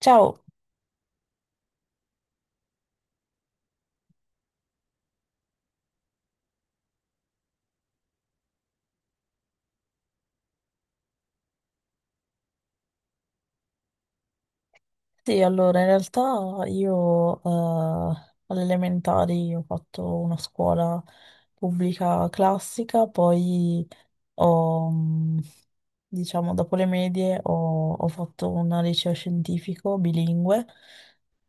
Ciao, sì, allora in realtà io alle elementari ho fatto una scuola pubblica classica, poi ho, mh, diciamo, dopo le medie ho fatto un liceo scientifico bilingue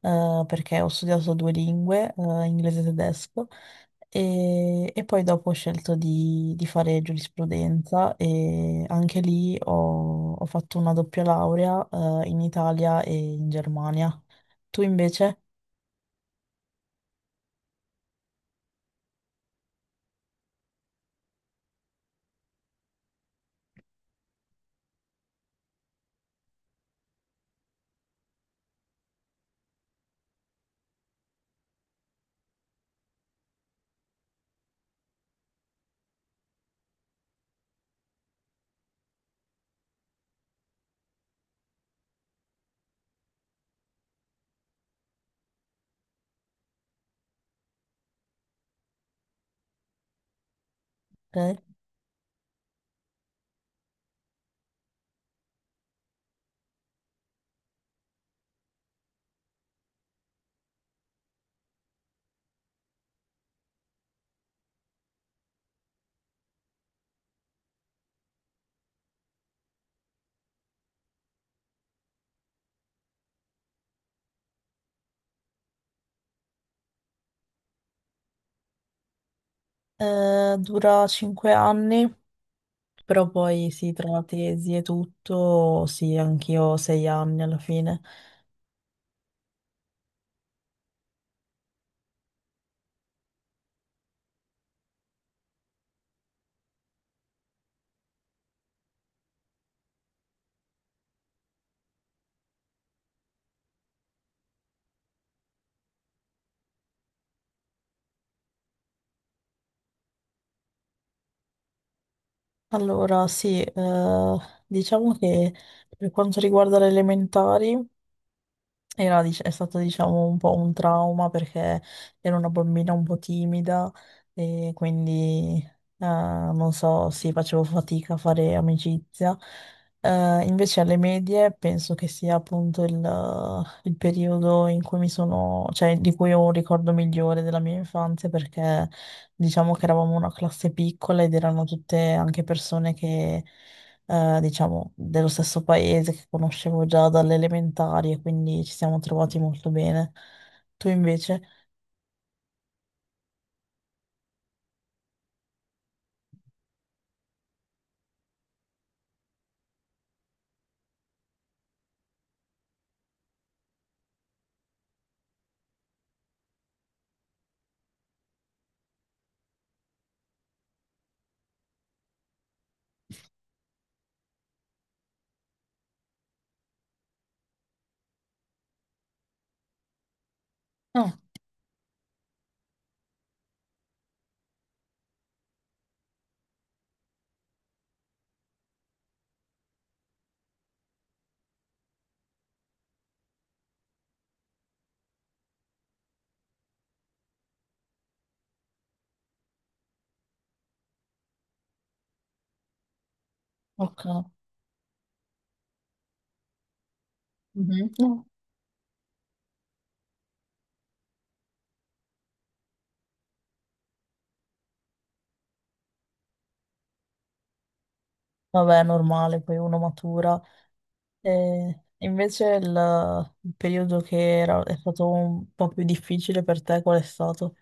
perché ho studiato due lingue, inglese e tedesco. E poi dopo ho scelto di fare giurisprudenza e anche lì ho fatto una doppia laurea in Italia e in Germania. Tu invece? Te? Dura 5 anni, però poi sì, tra la tesi e tutto, sì, anch'io ho 6 anni alla fine. Allora, sì, diciamo che per quanto riguarda le elementari. È stato diciamo un po' un trauma perché ero una bambina un po' timida e quindi non so, sì, facevo fatica a fare amicizia. Invece alle medie penso che sia appunto il periodo in cui cioè di cui ho un ricordo migliore della mia infanzia perché diciamo che eravamo una classe piccola ed erano tutte anche persone che diciamo, dello stesso paese che conoscevo già dalle elementari e quindi ci siamo trovati molto bene. Tu invece? Ah, ok. Mhm. No. Vabbè, è normale, poi uno matura. E invece il periodo è stato un po' più difficile per te, qual è stato?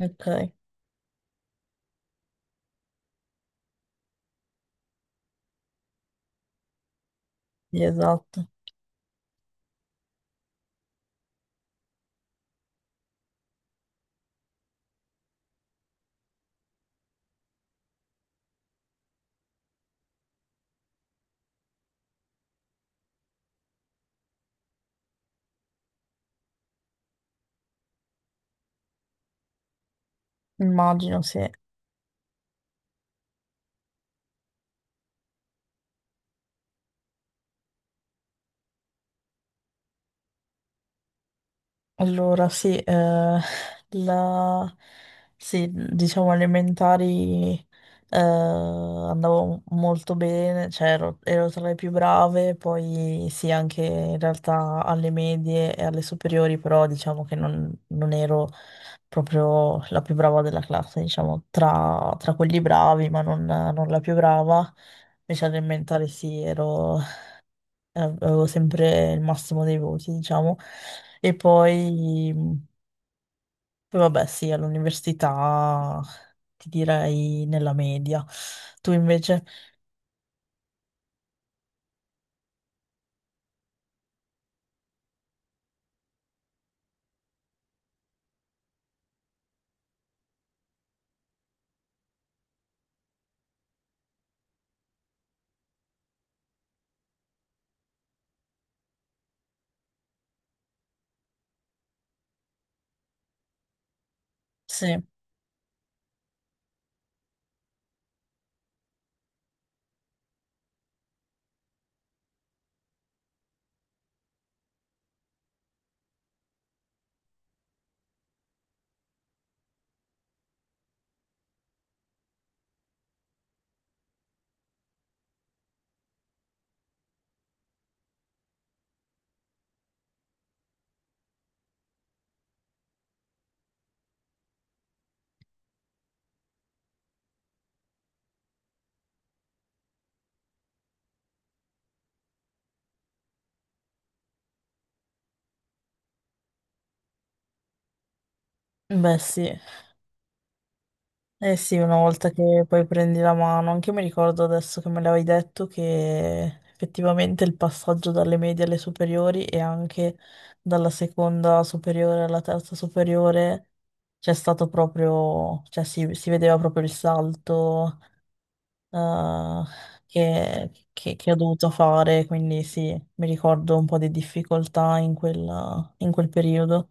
Ok, sì, esatto, immagino, sì. Allora, sì, la- sì, diciamo elementari andavo molto bene, cioè ero tra le più brave, poi sì, anche in realtà alle medie e alle superiori, però diciamo che non ero proprio la più brava della classe, diciamo, tra quelli bravi, ma non la più brava. Invece alle elementari sì, avevo sempre il massimo dei voti, diciamo. E poi, poi vabbè, sì, all'università ti direi nella media. Tu invece? Sì, beh sì. Eh sì, una volta che poi prendi la mano, anche io mi ricordo adesso che me l'avevi detto che effettivamente il passaggio dalle medie alle superiori e anche dalla seconda superiore alla terza superiore c'è stato proprio, cioè si vedeva proprio il salto eh, che, che ho dovuto fare, quindi sì, mi ricordo un po' di difficoltà in quel periodo.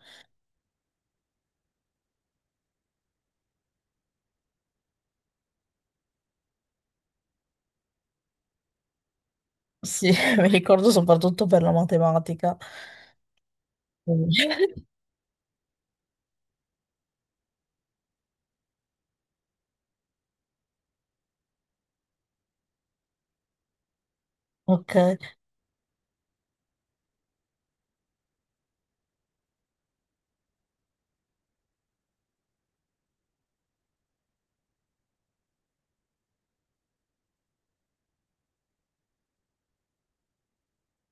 Sì, mi ricordo soprattutto per la matematica. Quindi- Ok,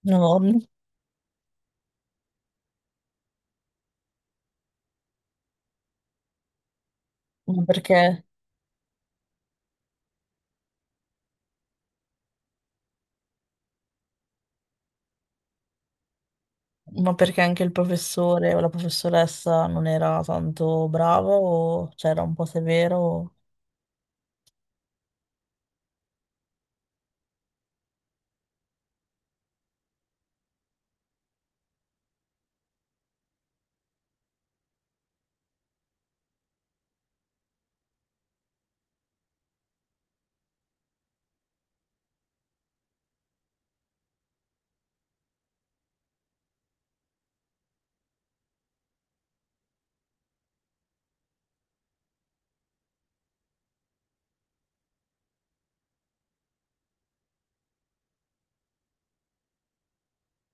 no, ma perché, ma perché anche il professore o la professoressa non era tanto brava o c'era un po' severo? O-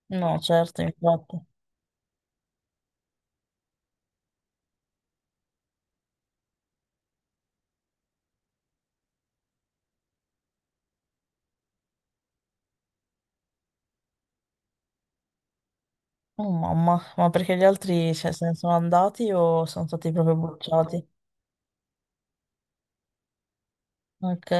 No, certo, infatti. Oh mamma, ma perché gli altri cioè, se ne sono andati o sono stati proprio bruciati? Ok.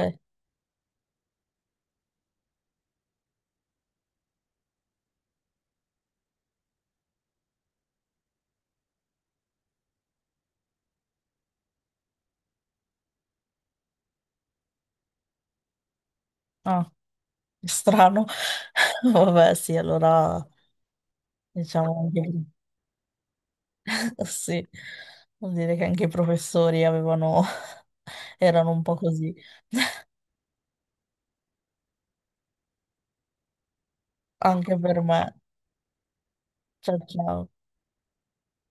Ah. Strano. Vabbè, sì, allora diciamo anche- sì, vuol dire che anche i professori avevano erano un po' così, anche per me. Ciao ciao.